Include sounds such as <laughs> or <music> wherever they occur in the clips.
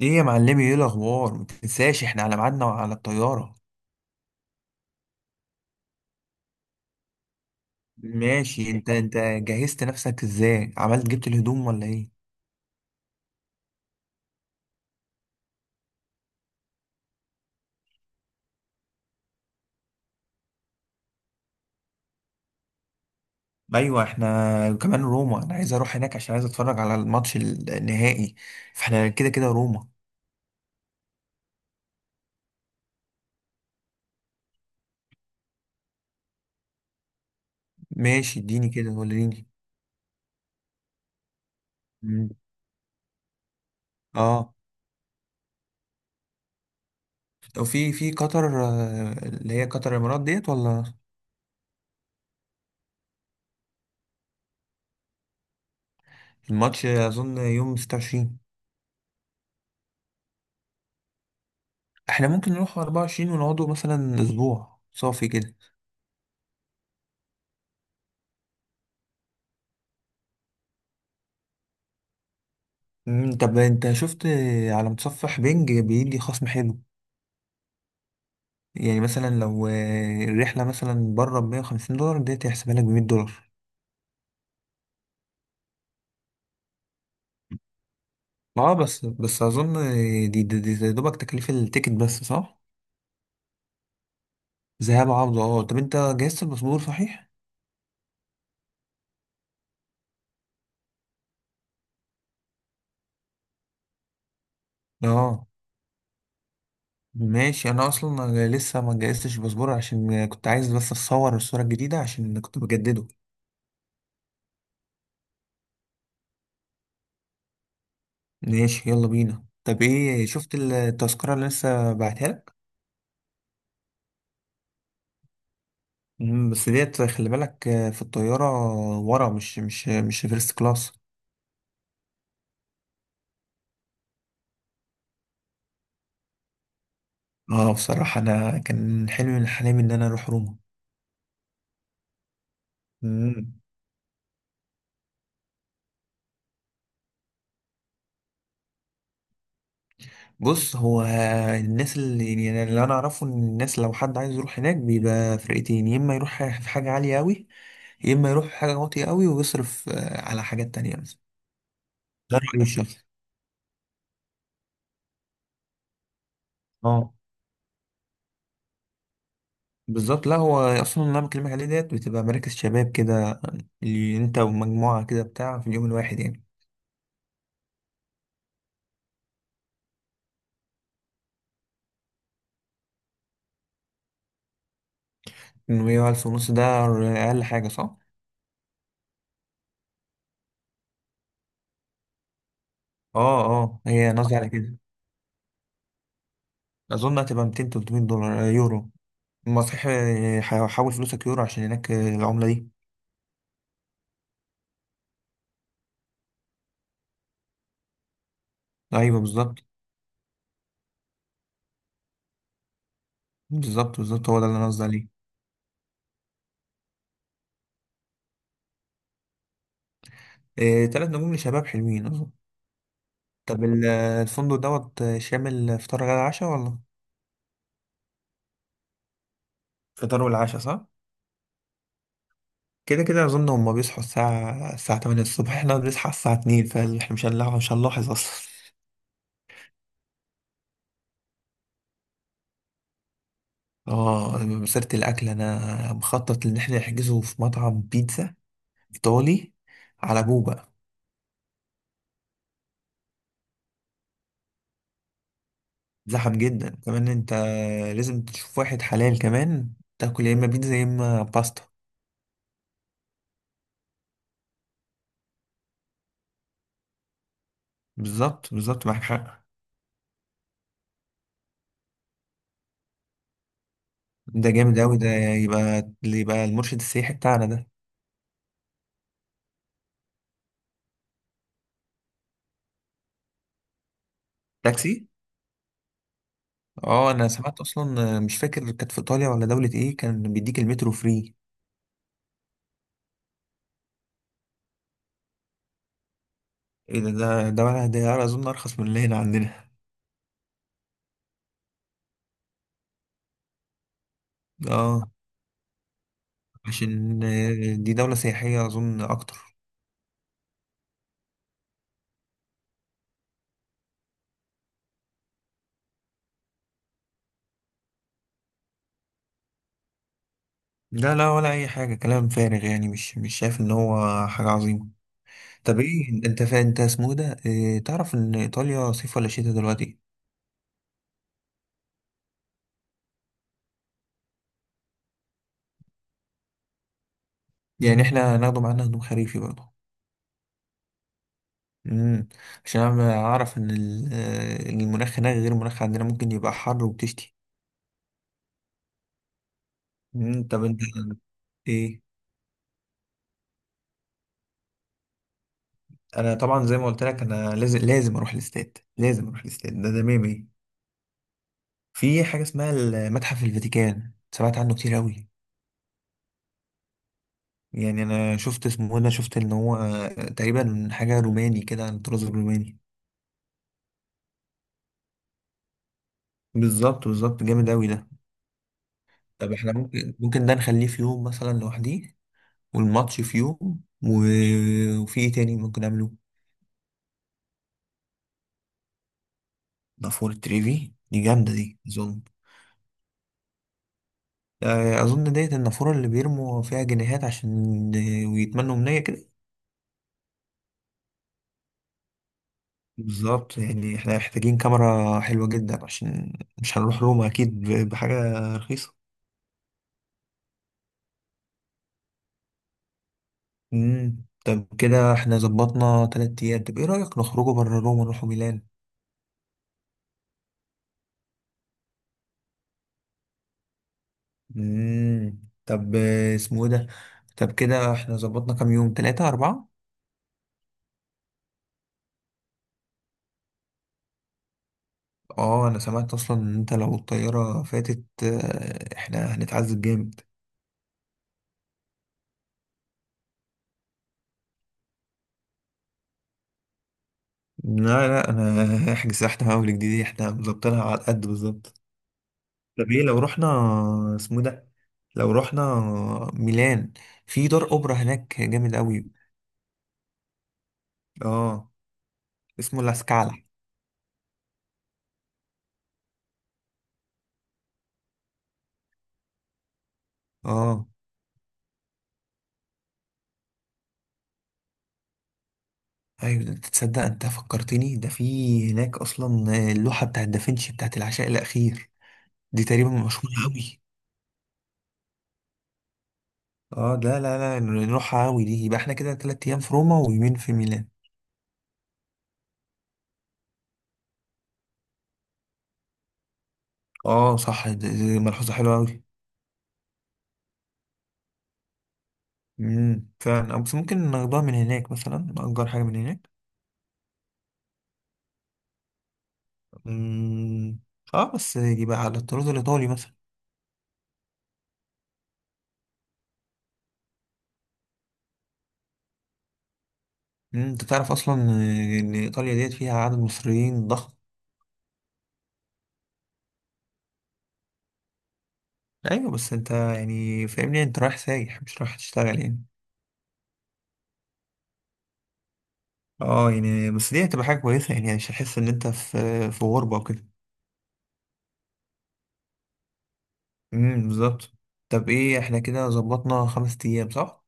ايه يا معلمي، ايه الاخبار؟ ما تنساش احنا على ميعادنا وعلى الطياره. ماشي. انت جهزت نفسك ازاي؟ عملت جبت الهدوم ولا ايه؟ ايوه، احنا كمان روما. انا عايز اروح هناك عشان عايز اتفرج على الماتش النهائي. فاحنا كده كده روما. ماشي، اديني كده وريني. مم. اه. وفي قطر، اللي هي قطر الامارات ديت ولا؟ الماتش اظن يوم 26. احنا ممكن نروح 24 ونقعدوا مثلا اسبوع صافي كده. طب انت شفت على متصفح بينج بيدي خصم حلو. يعني مثلا لو الرحلة مثلا بره ب $150 ديت هيحسبها لك ب $100. اه، بس اظن دي يا دوبك تكلفة التيكت بس صح؟ ذهاب عودة اه. طب انت جهزت الباسبور صحيح؟ اه. ماشي، انا اصلا لسه ما جهزتش الباسبور عشان كنت عايز بس اتصور الصورة الجديدة عشان كنت بجدده. ماشي، يلا بينا. طب ايه، شفت التذكرة اللي لسه بعتها لك؟ بس ديت خلي بالك في الطيارة ورا مش فيرست كلاس. اه بصراحة، أنا كان حلمي من حلمي إن أنا أروح روما. مم. بص هو، الناس اللي يعني اللي أنا أعرفه إن الناس لو حد عايز يروح هناك بيبقى فرقتين، يا إما يروح في حاجة عالية أوي يا إما يروح في حاجة واطية أوي ويصرف على حاجات تانية مثلا. ده رأيي الشخصي. اه بالظبط. لا، هو أصلا اللي أنا بكلمك عليه ديت بتبقى مراكز شباب كده، اللي أنت ومجموعة كده بتاع في اليوم الواحد يعني. 100 وألف ونص ده أقل حاجة صح؟ اه اه، هي قصدي على كده. أظن هتبقى 200 $300 يورو. ما صحيح، حول فلوسك يورو عشان هناك العملة دي. أيوه بالظبط. بالظبط بالظبط، هو ده اللي أنا قصدي عليه. تلات نجوم لشباب حلوين أظن. طب الفندق دوت شامل فطار غدا عشاء ولا؟ فطار والعشاء صح؟ كده كده أظن هما بيصحوا الساعة الساعة 8 الصبح <laughs> احنا بنصحى الساعة 2، فاحنا مش هنلاحظ أصلا. اه، مسيرة الأكل أنا مخطط إن احنا نحجزه في مطعم بيتزا إيطالي على جوه بقى. زحم جدا. كمان أنت لازم تشوف واحد حلال كمان، تاكل يا إما بيتزا يا إما باستا. بالظبط بالظبط، معاك حق. ده جامد أوي، ده يبقى اللي يبقى المرشد السياحي بتاعنا ده. تاكسي. اه أنا سمعت أصلا، مش فاكر كانت في إيطاليا ولا دولة إيه، كان بيديك المترو فري. إيه ده؟ ده ولا ده أظن أرخص من اللي هنا عندنا. اه عشان دي دولة سياحية أظن أكتر. لا لا، ولا اي حاجه، كلام فارغ يعني، مش شايف ان هو حاجه عظيمه. طب ايه انت، انت اسمه إيه ده، إيه تعرف ان ايطاليا صيف ولا شتاء دلوقتي؟ يعني احنا هناخده معانا هدوم خريفي برضه. امم، عشان انا اعرف ان المناخ هناك غير المناخ عندنا، ممكن يبقى حر وبتشتي. طب انت. ايه. انا طبعا زي ما قلت لك، انا لازم اروح الاستاد، لازم اروح الاستاد ده ميمي. في حاجه اسمها المتحف الفاتيكان، سمعت عنه كتير قوي. يعني انا شفت اسمه، انا شفت ان هو تقريبا حاجه روماني كده عن الطراز الروماني. بالظبط بالظبط، جامد اوي ده. طب احنا ممكن ده نخليه في يوم مثلا لوحديه، والماتش في يوم و... وفي ايه تاني ممكن نعمله. نافورة تريفي دي جامده دي اظن. اظن ديت النافوره اللي بيرموا فيها جنيهات عشان ويتمنوا منية كده. بالظبط، يعني احنا محتاجين كاميرا حلوه جدا عشان مش هنروح روما اكيد بحاجه رخيصه. امم، طب كده احنا ظبطنا 3 ايام. طب ايه رأيك نخرجوا بره روما نروحوا ميلان؟ امم. طب اسمه ايه ده. طب كده احنا ظبطنا كام يوم، تلاتة أربعة. اه انا سمعت اصلا ان انت لو الطيارة فاتت احنا هنتعذب جامد. لا لا انا <laughs> احجز احنا من اول جديد، احنا مظبطينها على قد بالظبط. طب ايه لو رحنا، اسمه إيه ده، لو رحنا ميلان، في دار اوبرا هناك جامد قوي. اه اسمه لاسكالا. اه ايوه، ده انت تصدق، انت فكرتني، ده في هناك اصلا اللوحه بتاعت دافنشي بتاعت العشاء الاخير، دي تقريبا مشهوره قوي. اه لا لا لا نروحها قوي دي. يبقى احنا كده 3 ايام في روما ويومين في ميلان. اه صح، دي ملحوظه حلوه قوي. فعلا، بس ممكن ناخدها من هناك مثلا، نأجر حاجه من هناك. امم. اه بس يبقى على الطراز الايطالي مثلا. انت تعرف اصلا ان ايطاليا ديت فيها عدد مصريين ضخم. ايوه بس انت يعني فاهمني، انت رايح سايح مش رايح تشتغل يعني. اه يعني، بس دي هتبقى حاجة كويسة يعني، يعني مش هتحس ان انت في غربة وكده. بالظبط. طب ايه، احنا كده ظبطنا 5 ايام صح؟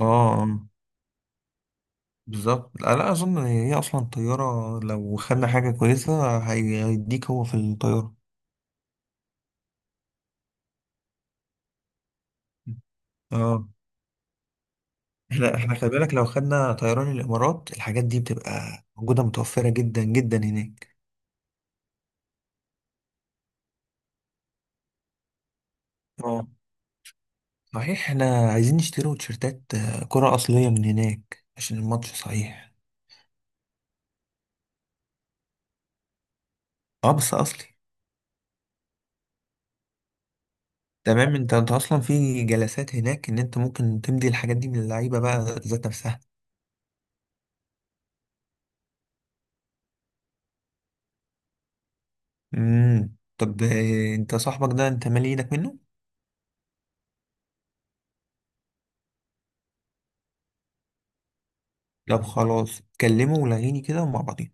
اه. بالظبط. لا لا، اظن هي اصلا الطيارة لو خدنا حاجة كويسة، هيديك هو في الطيارة. اه، احنا خلي بالك لو خدنا طيران الامارات، الحاجات دي بتبقى موجودة متوفرة جدا جدا هناك. اه صحيح، احنا عايزين نشتري تيشيرتات كرة اصلية من هناك عشان الماتش صحيح. اه بس اصلي. تمام، انت اصلا في جلسات هناك ان انت ممكن تمضي الحاجات دي من اللعيبه بقى ذات نفسها. امم، طب انت صاحبك ده انت مالي ايدك منه؟ طب خلاص كلمه ولغيني كده ومع بعضين.